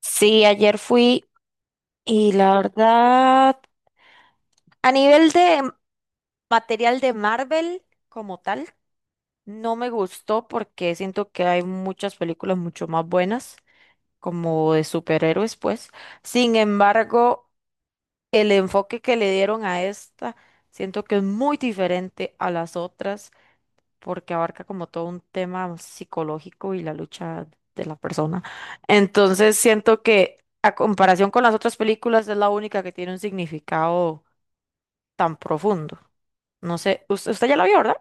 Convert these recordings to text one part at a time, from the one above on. Sí, ayer fui y la verdad, a nivel de material de Marvel como tal, no me gustó porque siento que hay muchas películas mucho más buenas, como de superhéroes, pues. Sin embargo, el enfoque que le dieron a esta, siento que es muy diferente a las otras porque abarca como todo un tema psicológico y la lucha de la persona. Entonces siento que a comparación con las otras películas es la única que tiene un significado tan profundo. No sé, usted ya la vio, ¿verdad?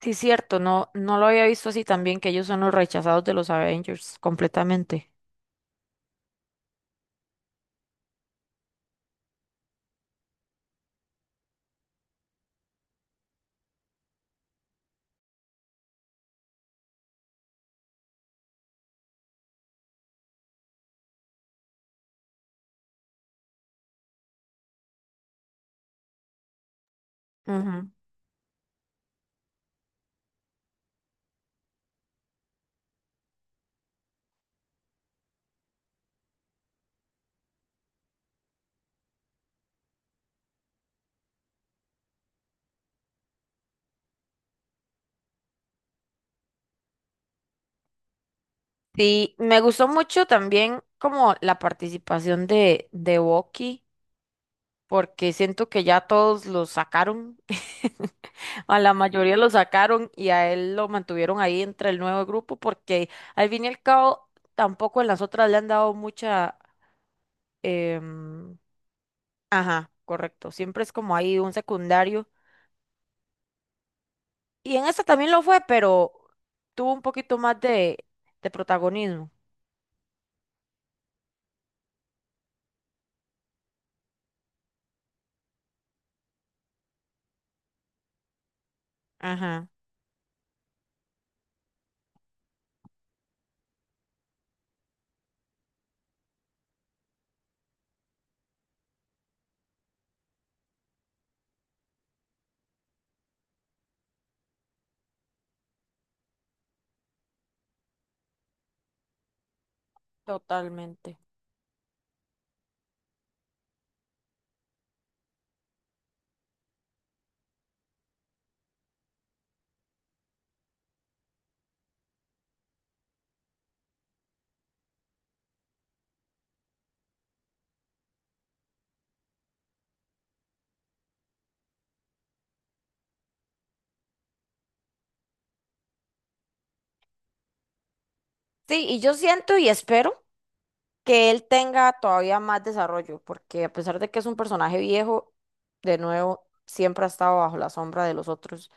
Sí, cierto, no, no lo había visto así también, que ellos son los rechazados de los Avengers completamente. Ujú. Sí, me gustó mucho también como la participación de Bucky porque siento que ya todos lo sacaron, a la mayoría lo sacaron y a él lo mantuvieron ahí entre el nuevo grupo porque al fin y al cabo tampoco en las otras le han dado mucha... em, ajá, correcto, siempre es como ahí un secundario. Y en esta también lo fue, pero tuvo un poquito más de protagonismo. Ajá, totalmente. Sí, y yo siento y espero que él tenga todavía más desarrollo, porque a pesar de que es un personaje viejo, de nuevo, siempre ha estado bajo la sombra de los otros.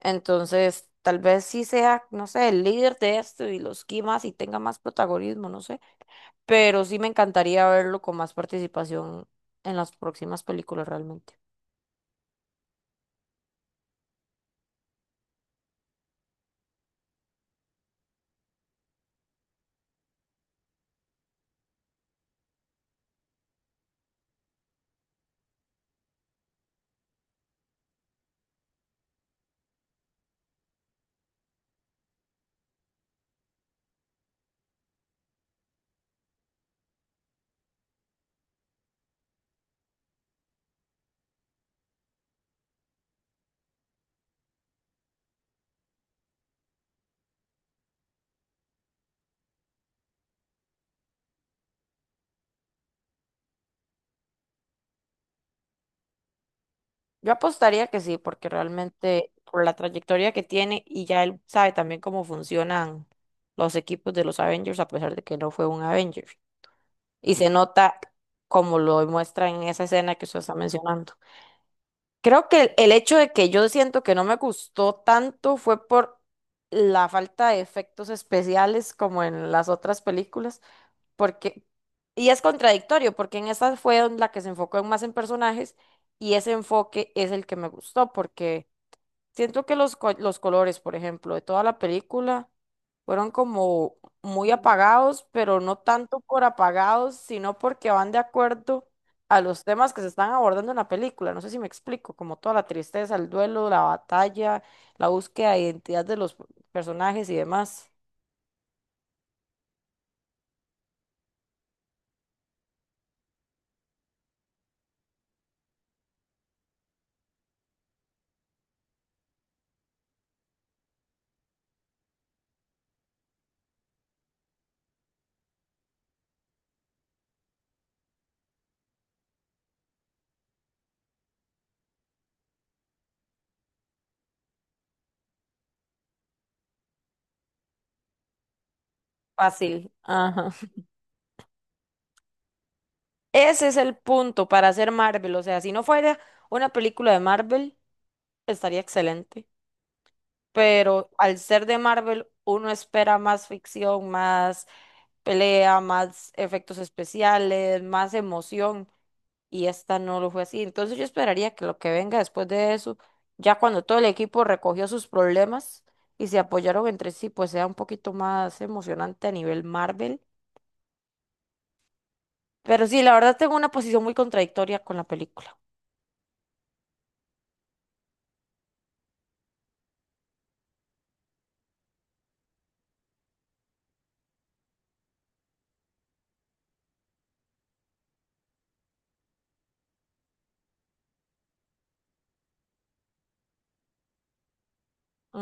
Entonces, tal vez sí sea, no sé, el líder de esto y los quimas y tenga más protagonismo, no sé, pero sí me encantaría verlo con más participación en las próximas películas realmente. Yo apostaría que sí, porque realmente por la trayectoria que tiene y ya él sabe también cómo funcionan los equipos de los Avengers, a pesar de que no fue un Avenger, y se nota como lo muestra en esa escena que usted está mencionando. Creo que el hecho de que yo siento que no me gustó tanto fue por la falta de efectos especiales como en las otras películas, porque, y es contradictorio, porque en esta fue en la que se enfocó más en personajes y ese enfoque es el que me gustó, porque siento que los colores, por ejemplo, de toda la película fueron como muy apagados, pero no tanto por apagados, sino porque van de acuerdo a los temas que se están abordando en la película. No sé si me explico, como toda la tristeza, el duelo, la batalla, la búsqueda de identidad de los personajes y demás. Fácil. Ajá. Ese es el punto para hacer Marvel. O sea, si no fuera una película de Marvel, estaría excelente, pero al ser de Marvel, uno espera más ficción, más pelea, más efectos especiales, más emoción, y esta no lo fue así. Entonces yo esperaría que lo que venga después de eso, ya cuando todo el equipo recogió sus problemas y se apoyaron entre sí, pues sea un poquito más emocionante a nivel Marvel. Pero sí, la verdad tengo una posición muy contradictoria con la película.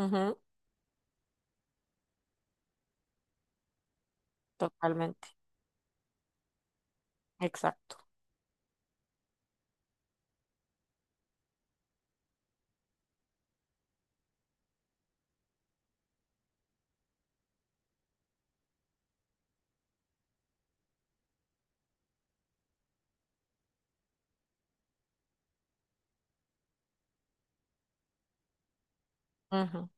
Ujú, totalmente. Exacto. Ujú.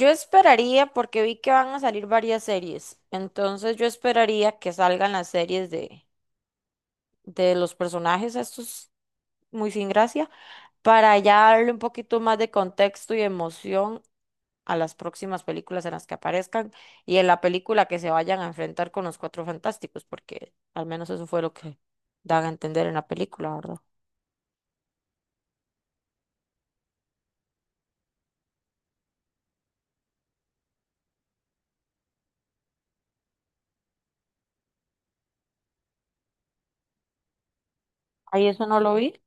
Yo esperaría, porque vi que van a salir varias series, entonces yo esperaría que salgan las series de los personajes estos muy sin gracia, para ya darle un poquito más de contexto y emoción a las próximas películas en las que aparezcan y en la película que se vayan a enfrentar con los Cuatro Fantásticos, porque al menos eso fue lo que dan a entender en la película, ¿verdad? Ahí eso no lo vi.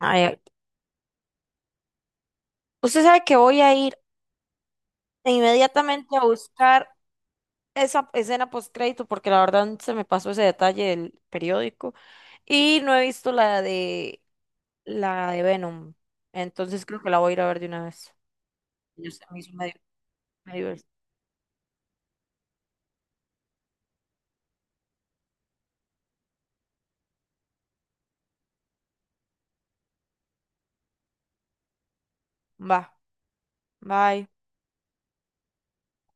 Ay, usted sabe que voy a ir inmediatamente a buscar esa escena post crédito porque la verdad se me pasó ese detalle del periódico y no he visto la de Venom. Entonces creo que la voy a ir a ver de una vez. Yo se me hizo medio, medio- Va, bye.